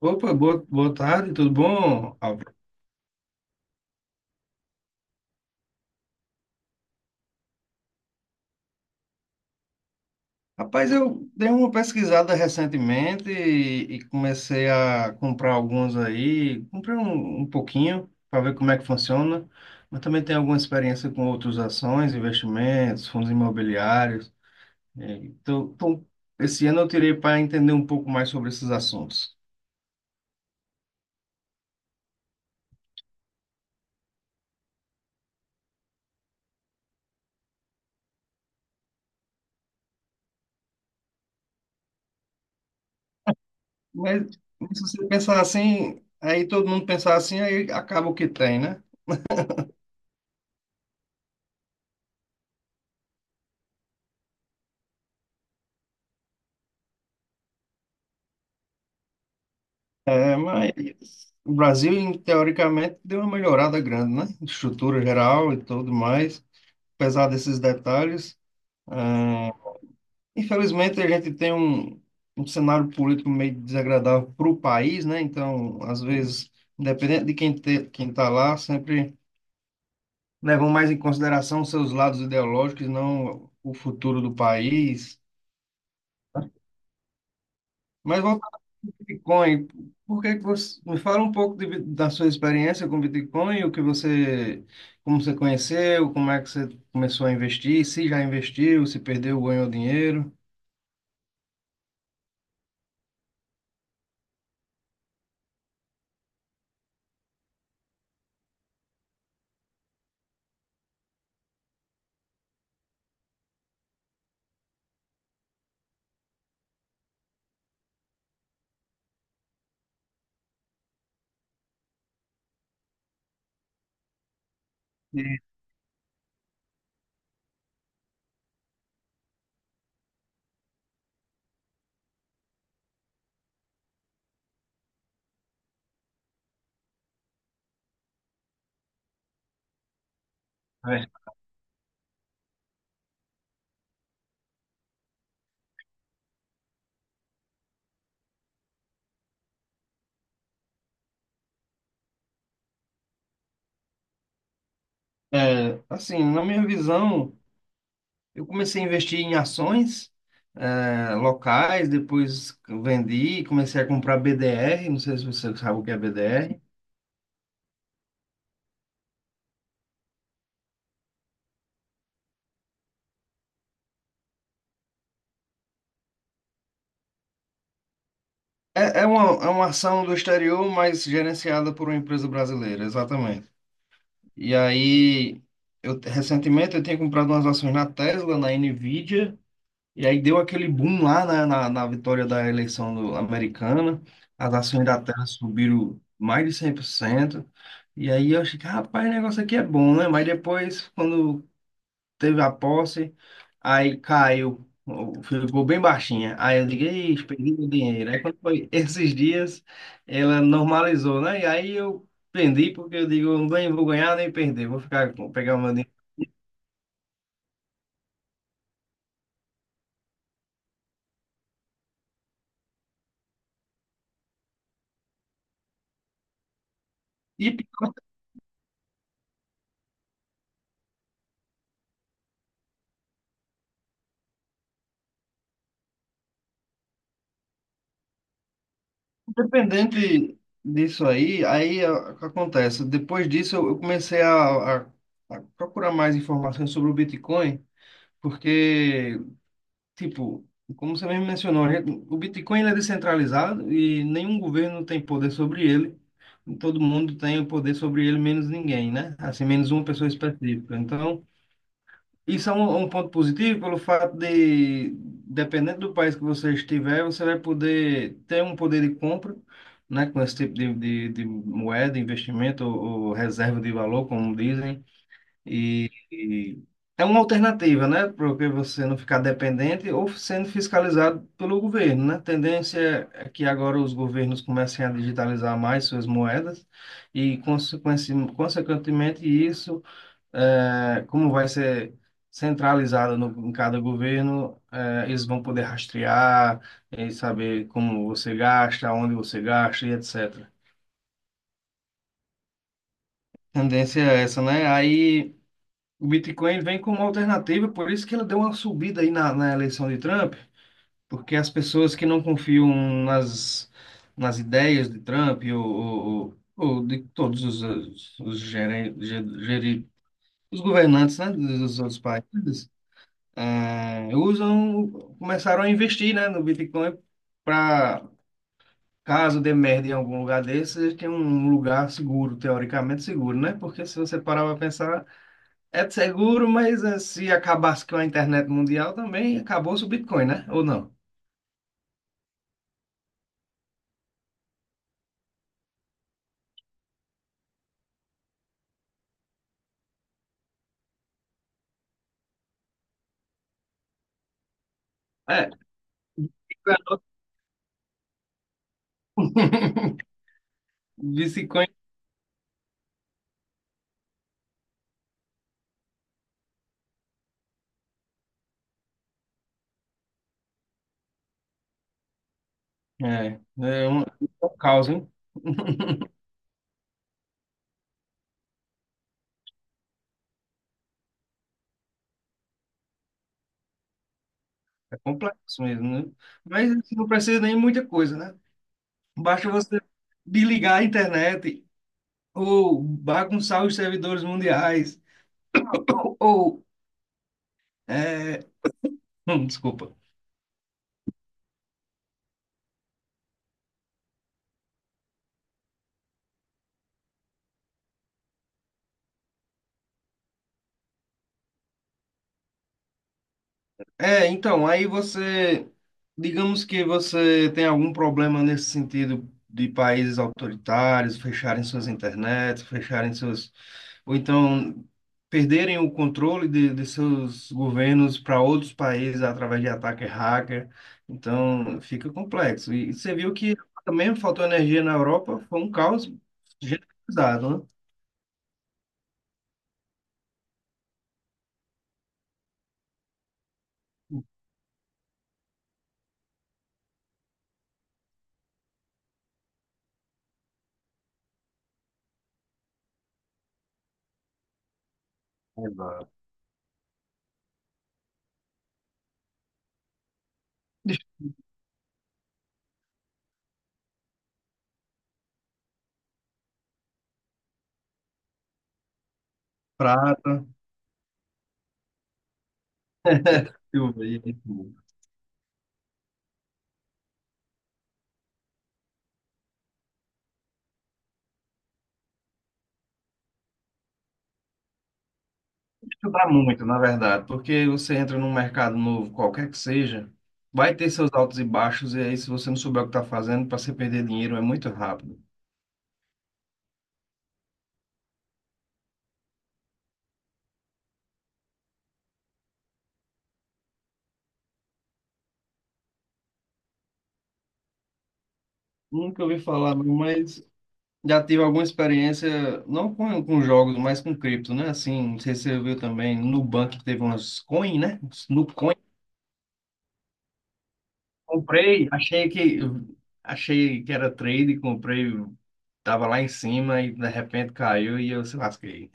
Opa, boa tarde, tudo bom, Álvaro? Rapaz, eu dei uma pesquisada recentemente e comecei a comprar alguns aí. Comprei um pouquinho para ver como é que funciona, mas também tenho alguma experiência com outras ações, investimentos, fundos imobiliários. Então, esse ano eu tirei para entender um pouco mais sobre esses assuntos. Mas se você pensar assim, aí todo mundo pensar assim, aí acaba o que tem, né? É, mas o Brasil, teoricamente, deu uma melhorada grande, né? Estrutura geral e tudo mais, apesar desses detalhes. ah, Infelizmente, a gente tem um cenário político meio desagradável para o país, né? Então, às vezes, independente de quem está lá, sempre levam mais em consideração os seus lados ideológicos, não o futuro do país. Mas voltando ao Bitcoin, por que que você me fala um pouco da sua experiência com Bitcoin, o que você, como você conheceu, como é que você começou a investir, se já investiu, se perdeu, ganhou dinheiro. E, é, assim, na minha visão, eu comecei a investir em ações, locais, depois vendi, comecei a comprar BDR, não sei se você sabe o que é BDR. É, é uma ação do exterior, mas gerenciada por uma empresa brasileira, exatamente. E aí, eu recentemente eu tinha comprado umas ações na Tesla, na Nvidia, e aí deu aquele boom lá na vitória da eleição americana. As ações da Tesla subiram mais de 100%. E aí eu achei que, rapaz, o negócio aqui é bom, né? Mas depois, quando teve a posse, aí caiu, ficou bem baixinha. Aí eu digo, ixi, perdi meu dinheiro. Aí quando foi esses dias, ela normalizou, né? E aí eu vendi, porque eu digo, eu nem vou ganhar nem perder, vou ficar pegar o meu dinheiro. E pior, independente disso aí, o que acontece? Depois disso, eu comecei a procurar mais informações sobre o Bitcoin, porque. Tipo, como você mesmo mencionou, o Bitcoin ele é descentralizado e nenhum governo tem poder sobre ele. Todo mundo tem o poder sobre ele, menos ninguém, né? Assim, menos uma pessoa específica. Então, isso é um ponto positivo pelo fato de, dependendo do país que você estiver, você vai poder ter um poder de compra, né? Com esse tipo de moeda, investimento ou reserva de valor, como dizem. E é uma alternativa, né? Porque você não ficar dependente ou sendo fiscalizado pelo governo, né? A tendência é que agora os governos comecem a digitalizar mais suas moedas e, consequentemente, isso, como vai ser centralizado no, em cada governo, eles vão poder rastrear e saber como você gasta, onde você gasta e etc. Tendência é essa, né? Aí. O Bitcoin vem como alternativa, por isso que ele deu uma subida aí na eleição de Trump, porque as pessoas que não confiam nas, nas ideias de Trump ou de todos os, geren- ge- geri- os governantes, né, dos outros países, eh, usam, começaram a investir, né, no Bitcoin para, caso dê merda em algum lugar desse, eles têm um lugar seguro, teoricamente seguro, né? Porque se você parar para pensar, é seguro, mas se acabasse com a internet mundial também, acabou-se o Bitcoin, né? Ou não? É. Bitcoin é um caos, hein? É complexo mesmo, né? Mas assim, não precisa nem muita coisa, né? Basta você desligar a internet ou bagunçar os servidores mundiais ou... é, desculpa. É, então, aí você, digamos que você tem algum problema nesse sentido de países autoritários fecharem suas internets, fecharem seus, ou então perderem o controle de seus governos para outros países através de ataque hacker. Então, fica complexo. E você viu que também faltou energia na Europa, foi um caos generalizado, né? Exato. Prata, silveira. Ajudar muito, na verdade, porque você entra num mercado novo, qualquer que seja, vai ter seus altos e baixos, e aí se você não souber o que está fazendo, para você perder dinheiro é muito rápido. Nunca ouvi falar, mas já tive alguma experiência, não com jogos, mas com cripto, né? Assim, não sei se você viu também, no Nubank teve umas coin, né? No coin, comprei, achei que, achei que era trade, comprei, tava lá em cima e de repente caiu e eu se lasquei.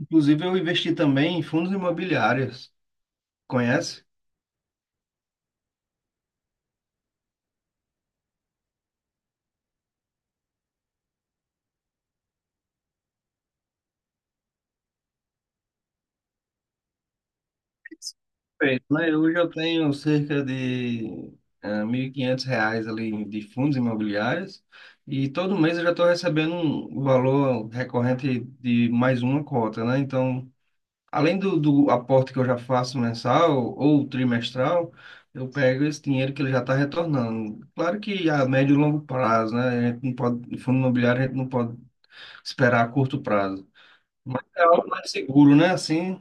Inclusive, eu investi também em fundos imobiliários. Conhece? Perfeito, né? Hoje eu tenho cerca de R$ 1.500 ali de fundos imobiliários e todo mês eu já estou recebendo um valor recorrente de mais uma cota, né? Então, além do aporte que eu já faço mensal ou trimestral, eu pego esse dinheiro que ele já está retornando. Claro que a médio e longo prazo, né? A gente não pode, fundo imobiliário a gente não pode esperar a curto prazo. Mas é algo mais seguro, né? Assim,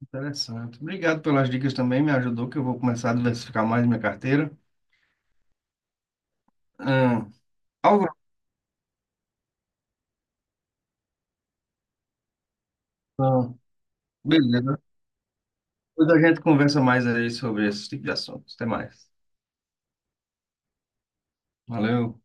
Interessante. Obrigado pelas dicas também, me ajudou, que eu vou começar a diversificar mais minha carteira. Hum, algo... Beleza. Depois a gente conversa mais aí sobre esse tipo de assuntos. Até mais. Valeu.